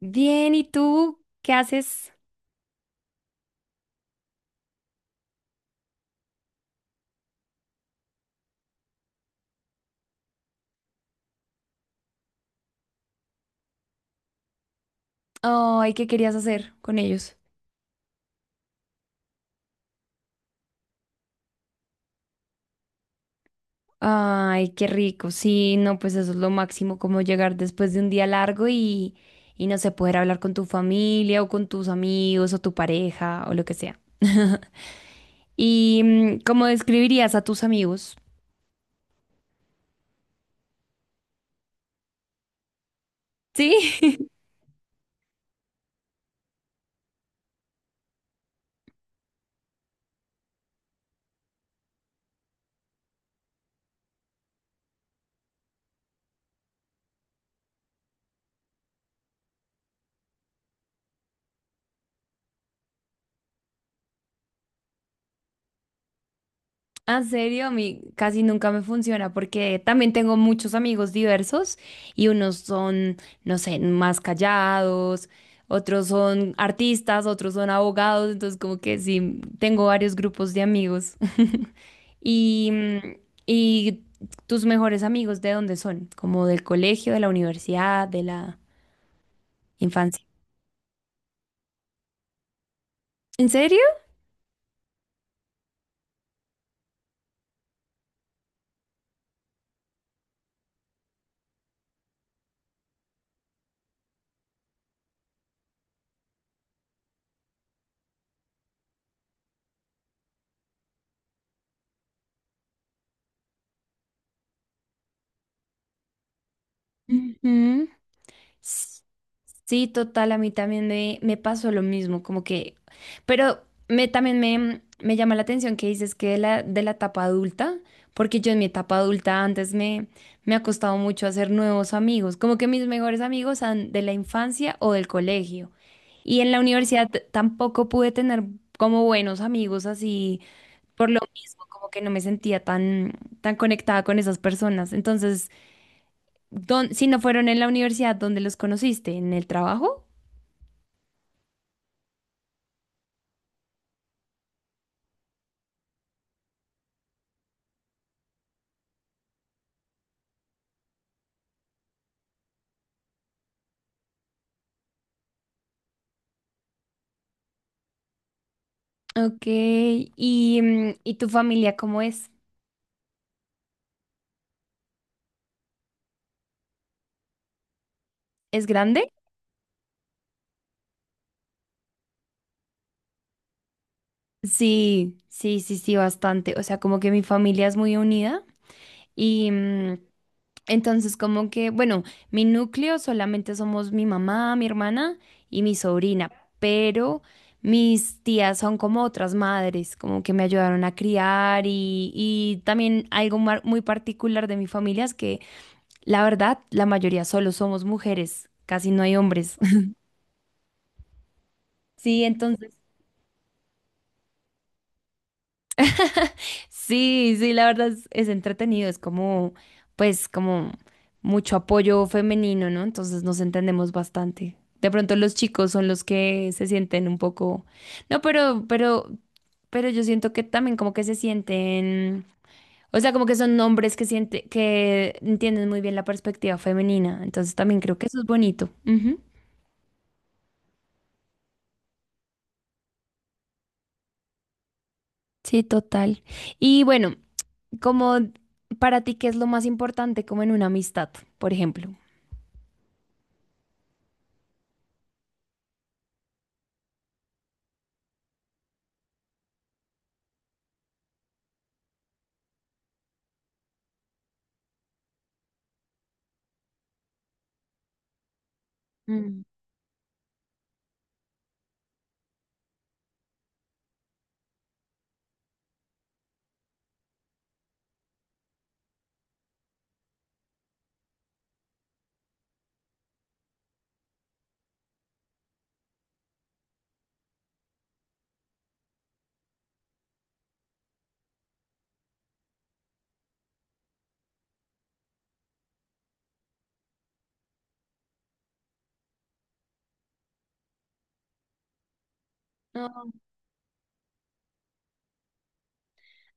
Bien, ¿y tú qué haces? Ay, ¿qué querías hacer con ellos? Ay, qué rico. Sí, no, pues eso es lo máximo, como llegar después de un día largo y no sé, poder hablar con tu familia o con tus amigos o tu pareja o lo que sea. ¿Y cómo describirías a tus amigos? Sí. Ah, en serio, a mí casi nunca me funciona porque también tengo muchos amigos diversos y unos son, no sé, más callados, otros son artistas, otros son abogados, entonces como que sí, tengo varios grupos de amigos. Y, mm, ¿Y tus mejores amigos de dónde son? ¿Como del colegio, de la universidad, de la infancia? ¿En serio? Ujú. S- Sí, total, a mí también me pasó lo mismo, como que, pero también me llama la atención que dices que de de la etapa adulta, porque yo en mi etapa adulta antes me ha costado mucho hacer nuevos amigos, como que mis mejores amigos son de la infancia o del colegio. Y en la universidad tampoco pude tener como buenos amigos así, por lo mismo, como que no me sentía tan, tan conectada con esas personas. Entonces, si no fueron en la universidad, ¿dónde los conociste? ¿En el trabajo? Ok, ¿y tu familia cómo es? ¿Es grande? Sí, sí, sí, sí, bastante. O sea, como que mi familia es muy unida y entonces como que, bueno, mi núcleo solamente somos mi mamá, mi hermana y mi sobrina, pero mis tías son como otras madres, como que me ayudaron a criar y también algo muy particular de mi familia es que la verdad, la mayoría solo somos mujeres, casi no hay hombres. Sí, entonces, sí, sí, la verdad es entretenido, es como, pues, como mucho apoyo femenino, ¿no? Entonces nos entendemos bastante. De pronto los chicos son los que se sienten un poco, no, pero yo siento que también como que se sienten, o sea, como que son hombres que siente, que entienden muy bien la perspectiva femenina. Entonces también creo que eso es bonito. Ujú. Sí, total. Y bueno, como para ti, ¿qué es lo más importante como en una amistad, por ejemplo? Mm. No,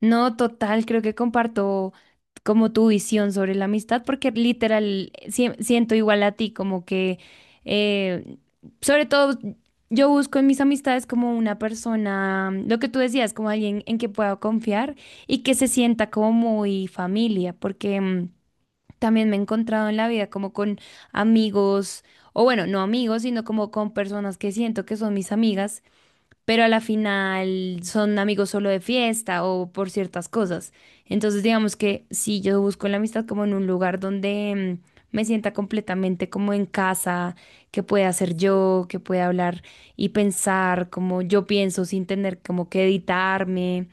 No, total, creo que comparto como tu visión sobre la amistad, porque literal siento igual a ti, como que, eh, sobre todo, yo busco en mis amistades como una persona, lo que tú decías, como alguien en que pueda confiar y que se sienta como muy familia, porque... también me he encontrado en la vida como con amigos, o bueno, no amigos, sino como con personas que siento que son mis amigas, pero a la final son amigos solo de fiesta o por ciertas cosas. Entonces, digamos que si yo busco la amistad como en un lugar donde me sienta completamente como en casa, que pueda hacer yo, que pueda hablar y pensar como yo pienso sin tener como que editarme.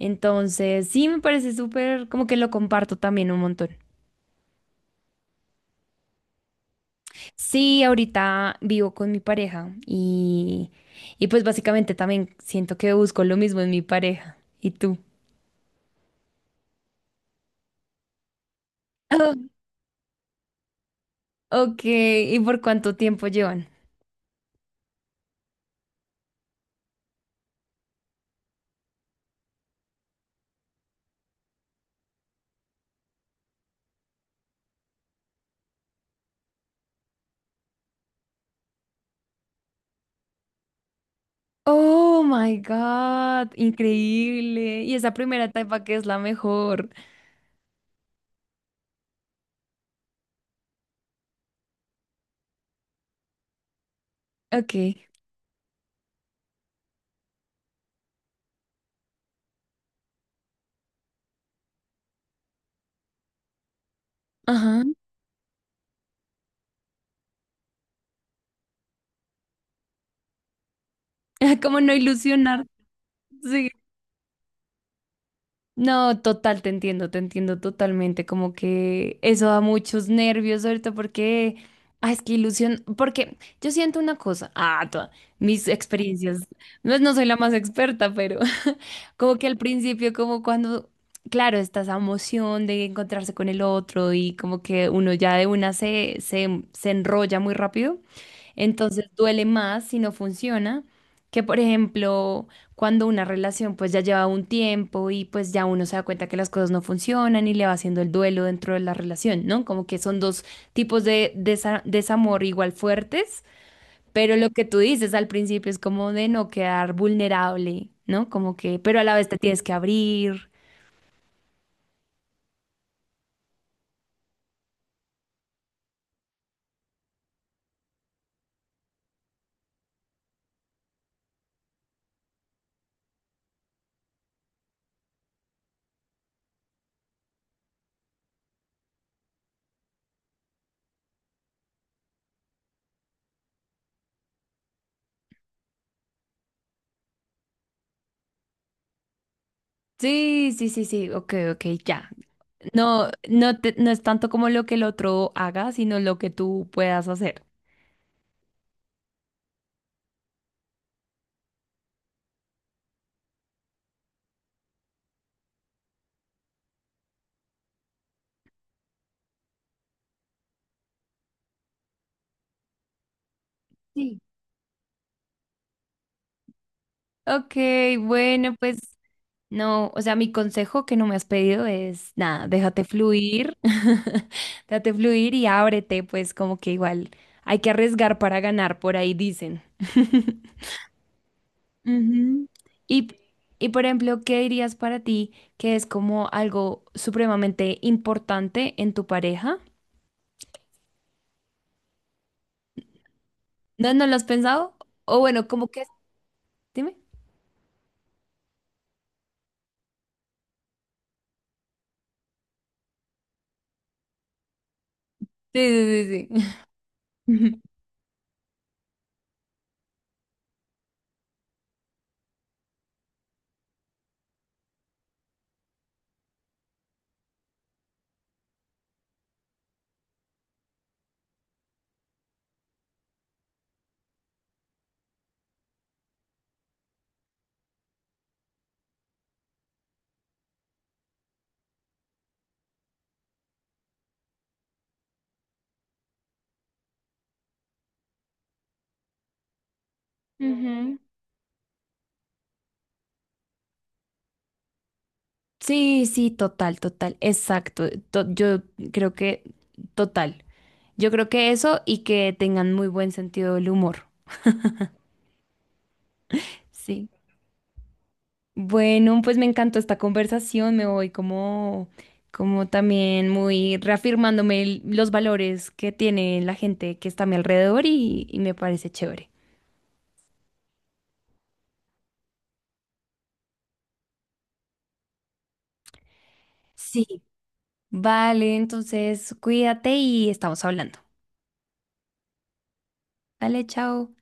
Entonces, sí me parece súper, como que lo comparto también un montón. Sí, ahorita vivo con mi pareja y pues básicamente también siento que busco lo mismo en mi pareja. ¿Y tú? Oh, ok, ¿y por cuánto tiempo llevan? Oh my God, increíble. Y esa primera etapa que es la mejor. Ok, ajá. Como no ilusionar. Sí. No, total, te entiendo totalmente, como que eso da muchos nervios ahorita porque, ah, es que ilusión, porque yo siento una cosa, ah, toda, mis experiencias, no soy la más experta, pero como que al principio, como cuando, claro, está esa emoción de encontrarse con el otro y como que uno ya de una se enrolla muy rápido, entonces duele más si no funciona. Que por ejemplo, cuando una relación pues ya lleva un tiempo y pues ya uno se da cuenta que las cosas no funcionan y le va haciendo el duelo dentro de la relación, ¿no? Como que son dos tipos de desamor igual fuertes pero lo que tú dices al principio es como de no quedar vulnerable, ¿no? Como que, pero a la vez te tienes que abrir. Sí, sí, sí, sí, ok, ok, ya. No es tanto como lo que el otro haga, sino lo que tú puedas hacer. Sí. Ok, bueno, pues no, o sea, mi consejo que no me has pedido es nada, déjate fluir, déjate fluir y ábrete, pues como que igual hay que arriesgar para ganar, por ahí dicen. Ujú. Y, y por ejemplo, ¿qué dirías para ti que es como algo supremamente importante en tu pareja? ¿No, no lo has pensado? O bueno, como que, dime. Sí, sí, sí, sí. Ujú. Sí, sí, total, total, exacto. Yo creo que, total. Yo creo que eso y que tengan muy buen sentido del humor. Sí. Bueno, pues me encantó esta conversación, me voy como, como también muy reafirmándome los valores que tiene la gente que está a mi alrededor y me parece chévere. Sí. Vale, entonces cuídate y estamos hablando. Vale, chao.